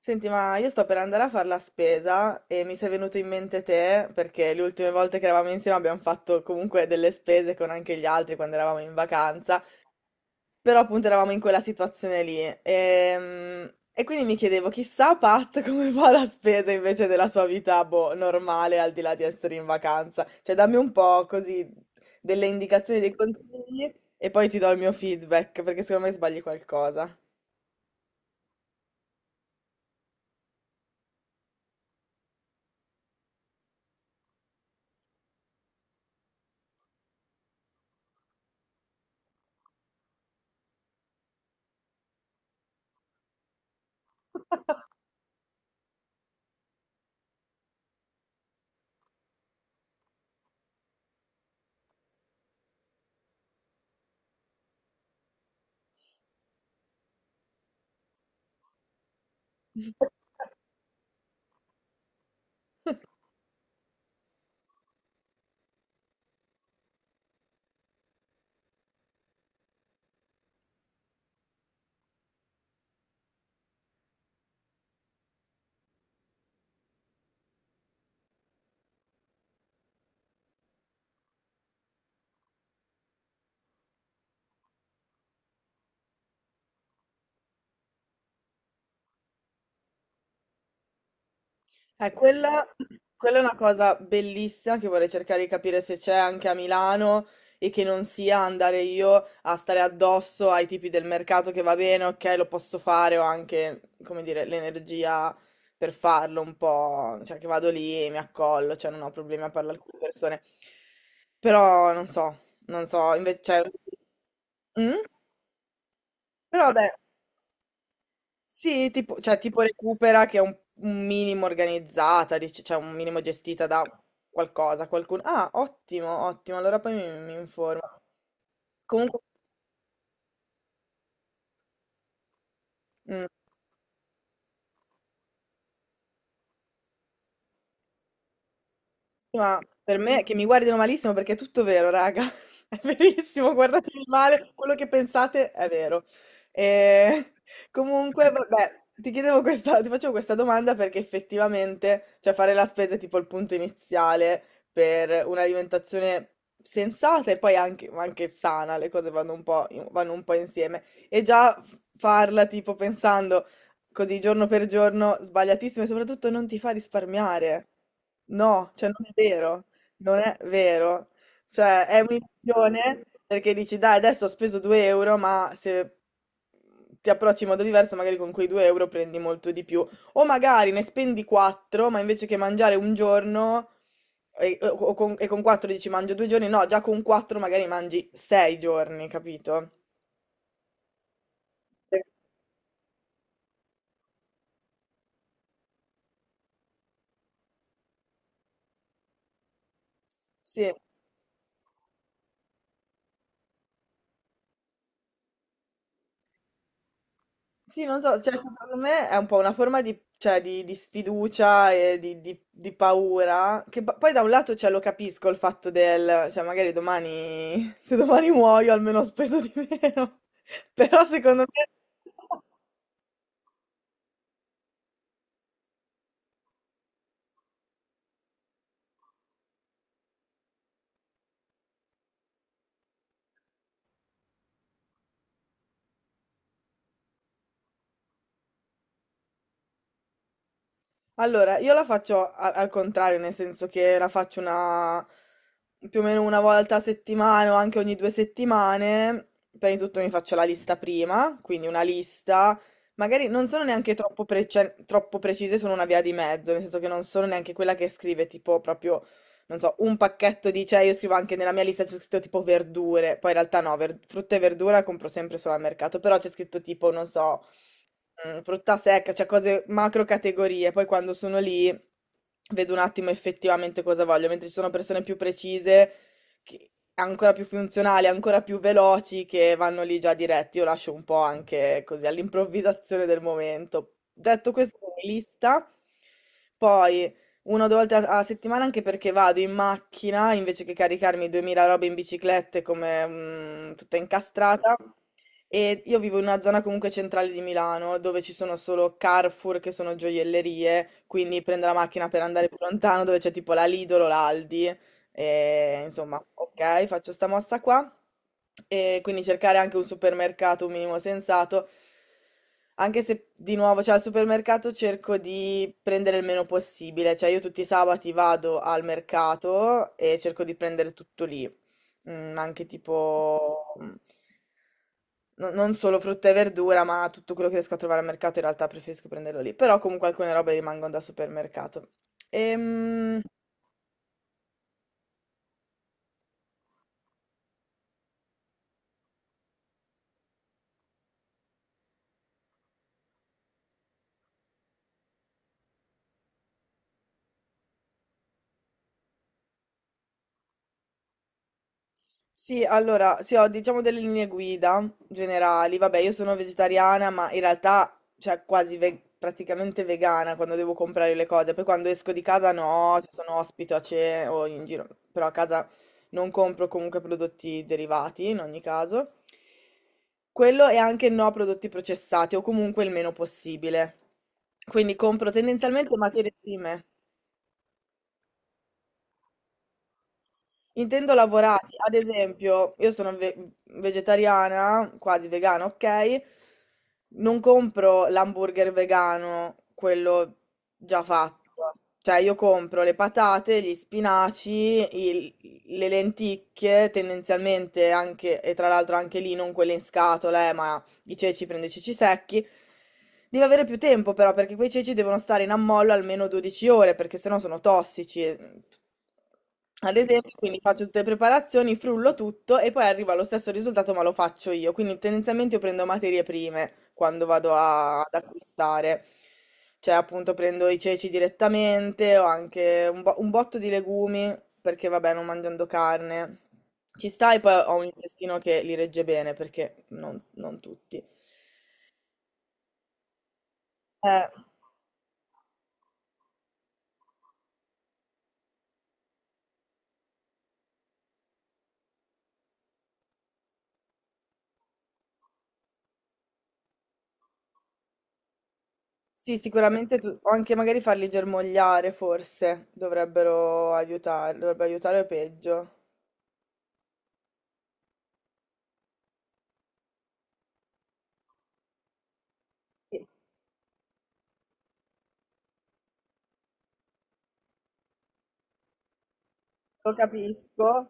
Senti, ma io sto per andare a fare la spesa e mi sei venuto in mente te, perché le ultime volte che eravamo insieme abbiamo fatto comunque delle spese con anche gli altri quando eravamo in vacanza, però appunto eravamo in quella situazione lì. Ehm, quindi mi chiedevo, chissà Pat come fa la spesa invece della sua vita, boh, normale, al di là di essere in vacanza. Cioè, dammi un po' così delle indicazioni, dei consigli e poi ti do il mio feedback, perché secondo me sbagli qualcosa. Eh, quella, quella è una cosa bellissima che vorrei cercare di capire se c'è anche a Milano e che non sia andare io a stare addosso ai tipi del mercato che va bene, ok, lo posso fare, ho anche, come dire, l'energia per farlo un po', cioè che vado lì e mi accollo, cioè non ho problemi a parlare con le persone. Però non so, non so, invece... Cioè... Mm? Però vabbè, sì, tipo, cioè, tipo Recupera che è un minimo organizzata, dice, cioè un minimo gestita da qualcosa, qualcuno. Ah, ottimo, ottimo, allora poi mi informo. Comunque, mm. Ma per me che mi guardino malissimo perché è tutto vero, raga. È verissimo, guardatemi male, quello che pensate è vero. E comunque, vabbè, ti chiedevo questa, ti facevo questa domanda perché effettivamente, cioè fare la spesa è tipo il punto iniziale per un'alimentazione sensata e poi anche, ma anche sana, le cose vanno un po', vanno un po' insieme. E già farla tipo pensando così giorno per giorno, sbagliatissimo e soprattutto non ti fa risparmiare. No, cioè non è vero. Cioè è un'illusione perché dici dai adesso ho speso 2 euro ma se ti approcci in modo diverso magari con quei 2 euro prendi molto di più o magari ne spendi 4 ma invece che mangiare un giorno e con 4 dici mangio due giorni, no già con 4 magari mangi 6 giorni, capito? Sì. Sì, non so, cioè, secondo me è un po' una forma di, cioè, di sfiducia e di, di paura, che poi da un lato cioè, lo capisco il fatto del, cioè magari domani, se domani muoio almeno ho speso di meno, però secondo me. Allora, io la faccio al contrario, nel senso che la faccio una più o meno una volta a settimana o anche ogni due settimane. Prima di tutto mi faccio la lista prima, quindi una lista. Magari non sono neanche troppo, troppo precise, sono una via di mezzo, nel senso che non sono neanche quella che scrive tipo proprio, non so, un pacchetto di, cioè io scrivo anche nella mia lista c'è scritto tipo verdure, poi in realtà no, frutta e verdura compro sempre solo al mercato, però c'è scritto tipo, non so. Mm, frutta secca, cioè cose macro categorie. Poi quando sono lì vedo un attimo effettivamente cosa voglio, mentre ci sono persone più precise, ancora più funzionali, ancora più veloci, che vanno lì già diretti. Io lascio un po' anche così all'improvvisazione del momento. Detto questo, mi lista. Poi una o due volte a settimana anche perché vado in macchina invece che caricarmi 2000 robe in biciclette come mm, tutta incastrata. E io vivo in una zona comunque centrale di Milano, dove ci sono solo Carrefour, che sono gioiellerie, quindi prendo la macchina per andare più lontano, dove c'è tipo la Lidl o l'Aldi. E, insomma, ok, faccio sta mossa qua. E quindi cercare anche un supermercato un minimo sensato. Anche se di nuovo, cioè al supermercato cerco di prendere il meno possibile, cioè io tutti i sabati vado al mercato e cerco di prendere tutto lì mm, anche tipo, mm, non solo frutta e verdura, ma tutto quello che riesco a trovare al mercato in realtà preferisco prenderlo lì, però comunque alcune robe rimangono da supermercato. Ehm, Sì, allora, sì, ho diciamo delle linee guida generali. Vabbè, io sono vegetariana, ma in realtà, cioè, praticamente vegana quando devo comprare le cose. Poi quando esco di casa no, se sono ospite a cena o in giro, però a casa non compro comunque prodotti derivati in ogni caso. Quello e anche no a prodotti processati o comunque il meno possibile. Quindi compro tendenzialmente materie prime. Intendo lavorati, ad esempio, vegetariana, quasi vegana, ok? Non compro l'hamburger vegano, quello già fatto. Cioè, io compro le patate, gli spinaci, il- le lenticchie, tendenzialmente anche, e tra l'altro anche lì non quelle in scatola, ma i ceci, prende i ceci secchi. Devi avere più tempo però, perché quei ceci devono stare in ammollo almeno 12 ore, perché sennò sono tossici. Ad esempio, quindi faccio tutte le preparazioni, frullo tutto e poi arrivo allo stesso risultato, ma lo faccio io. Quindi tendenzialmente io prendo materie prime quando vado ad acquistare. Cioè, appunto, prendo i ceci direttamente o anche un botto di legumi, perché vabbè, non mangiando carne. Ci sta e poi ho un intestino che li regge bene perché non tutti. Eh, sì, o anche magari farli germogliare forse dovrebbero aiutare, dovrebbe aiutare o peggio. Sì. Lo capisco,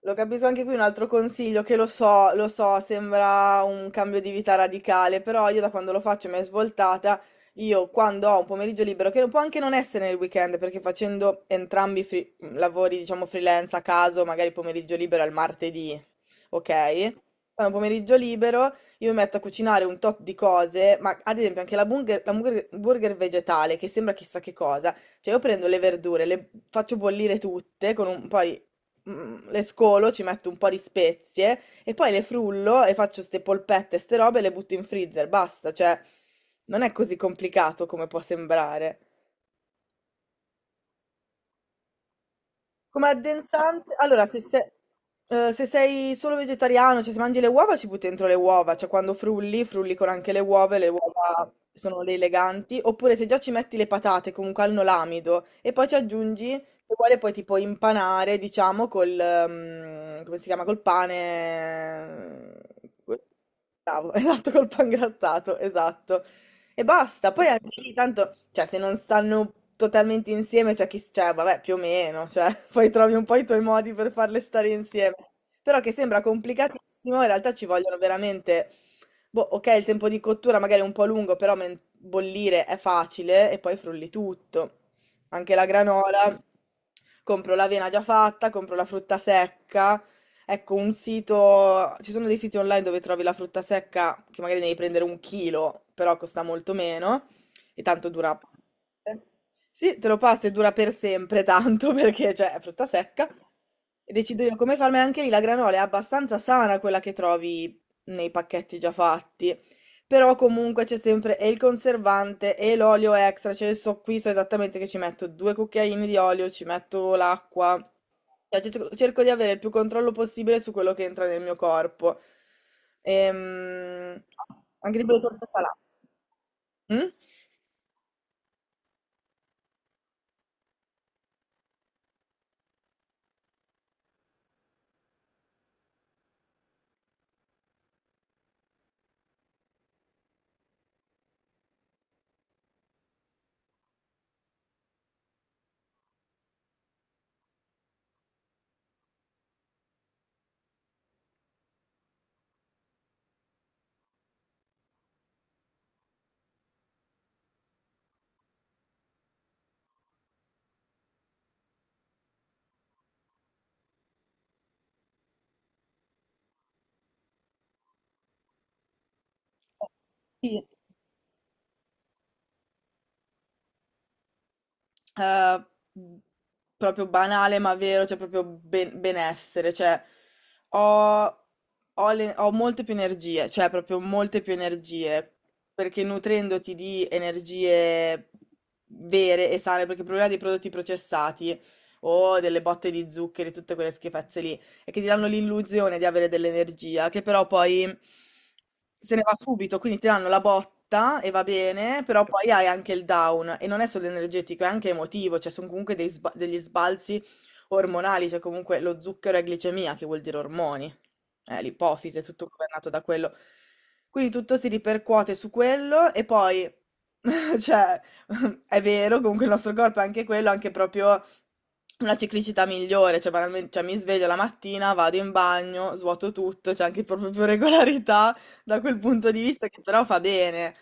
lo capisco anche qui un altro consiglio che lo so, sembra un cambio di vita radicale, però io da quando lo faccio mi è svoltata, io quando ho un pomeriggio libero, che può anche non essere nel weekend, perché facendo entrambi i lavori, diciamo freelance a caso, magari il pomeriggio libero è il martedì, ok? Quando ho un pomeriggio libero io mi metto a cucinare un tot di cose, ma ad esempio anche la burger, la burger vegetale, che sembra chissà che cosa. Cioè, io prendo le verdure, le faccio bollire tutte, con un, poi mm, le scolo, ci metto un po' di spezie e poi le frullo e faccio ste polpette, ste robe e le butto in freezer. Basta, cioè, non è così complicato come può sembrare. Come addensante, allora se sei solo vegetariano, cioè se mangi le uova ci butti dentro le uova, cioè quando frulli, frulli con anche le uova e le uova sono le eleganti, oppure se già ci metti le patate comunque al nolamido e poi ci aggiungi, se vuole poi tipo impanare, diciamo, col, come si chiama, col pane, esatto, col pangrattato, esatto. E basta. Poi anche lì tanto, cioè se non stanno totalmente insieme, c'è chi, cioè vabbè, più o meno, cioè poi trovi un po' i tuoi modi per farle stare insieme. Però che sembra complicatissimo, in realtà ci vogliono veramente, boh, ok, il tempo di cottura magari è un po' lungo, però bollire è facile e poi frulli tutto. Anche la granola, compro l'avena già fatta, compro la frutta secca. Ecco, un sito, ci sono dei siti online dove trovi la frutta secca che magari devi prendere un chilo, però costa molto meno e tanto dura. Sì, te lo passo e dura per sempre tanto perché cioè, è frutta secca. E decido io come farmi anche lì la granola, è abbastanza sana quella che trovi nei pacchetti già fatti. Però comunque c'è sempre e il conservante e l'olio extra, cioè io so, qui so esattamente che ci metto due cucchiaini di olio, ci metto l'acqua, cioè, cerco di avere il più controllo possibile su quello che entra nel mio corpo. Ehm, anche tipo le torte salate. Mm? Sì, eh, proprio banale ma vero, cioè benessere, cioè ho, ho molte più energie, cioè proprio molte più energie, perché nutrendoti di energie vere e sane, perché il problema dei prodotti processati o delle botte di zuccheri, tutte quelle schifezze lì, e che ti danno l'illusione di avere dell'energia, che però poi se ne va subito, quindi ti danno la botta e va bene, però poi hai anche il down e non è solo energetico, è anche emotivo, cioè sono comunque degli sbalzi ormonali, cioè comunque lo zucchero è glicemia, che vuol dire ormoni, l'ipofisi, è tutto governato da quello. Quindi tutto si ripercuote su quello e poi, cioè, è vero, comunque il nostro corpo è anche quello, anche proprio una ciclicità migliore, cioè banalmente, cioè, mi sveglio la mattina, vado in bagno, svuoto tutto, c'è anche proprio più regolarità da quel punto di vista che però fa bene.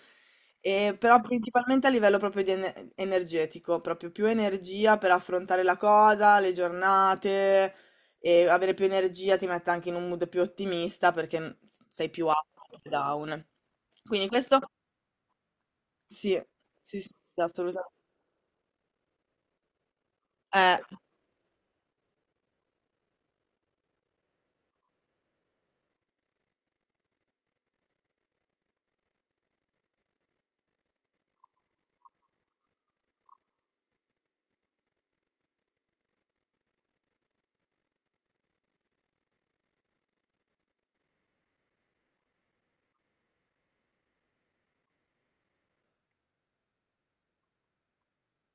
E però principalmente a livello proprio di energetico, proprio più energia per affrontare la cosa, le giornate e avere più energia ti mette anche in un mood più ottimista perché sei più up che down. Quindi questo sì, sì, sì, sì, assolutamente. Eh,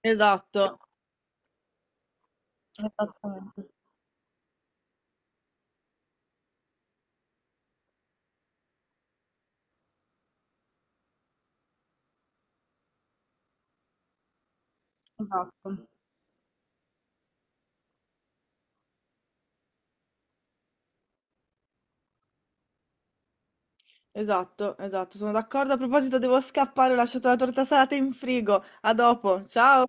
esatto, esattamente. Esatto, esatto, sono d'accordo. A proposito, devo scappare, ho lasciato la torta salata in frigo. A dopo, ciao!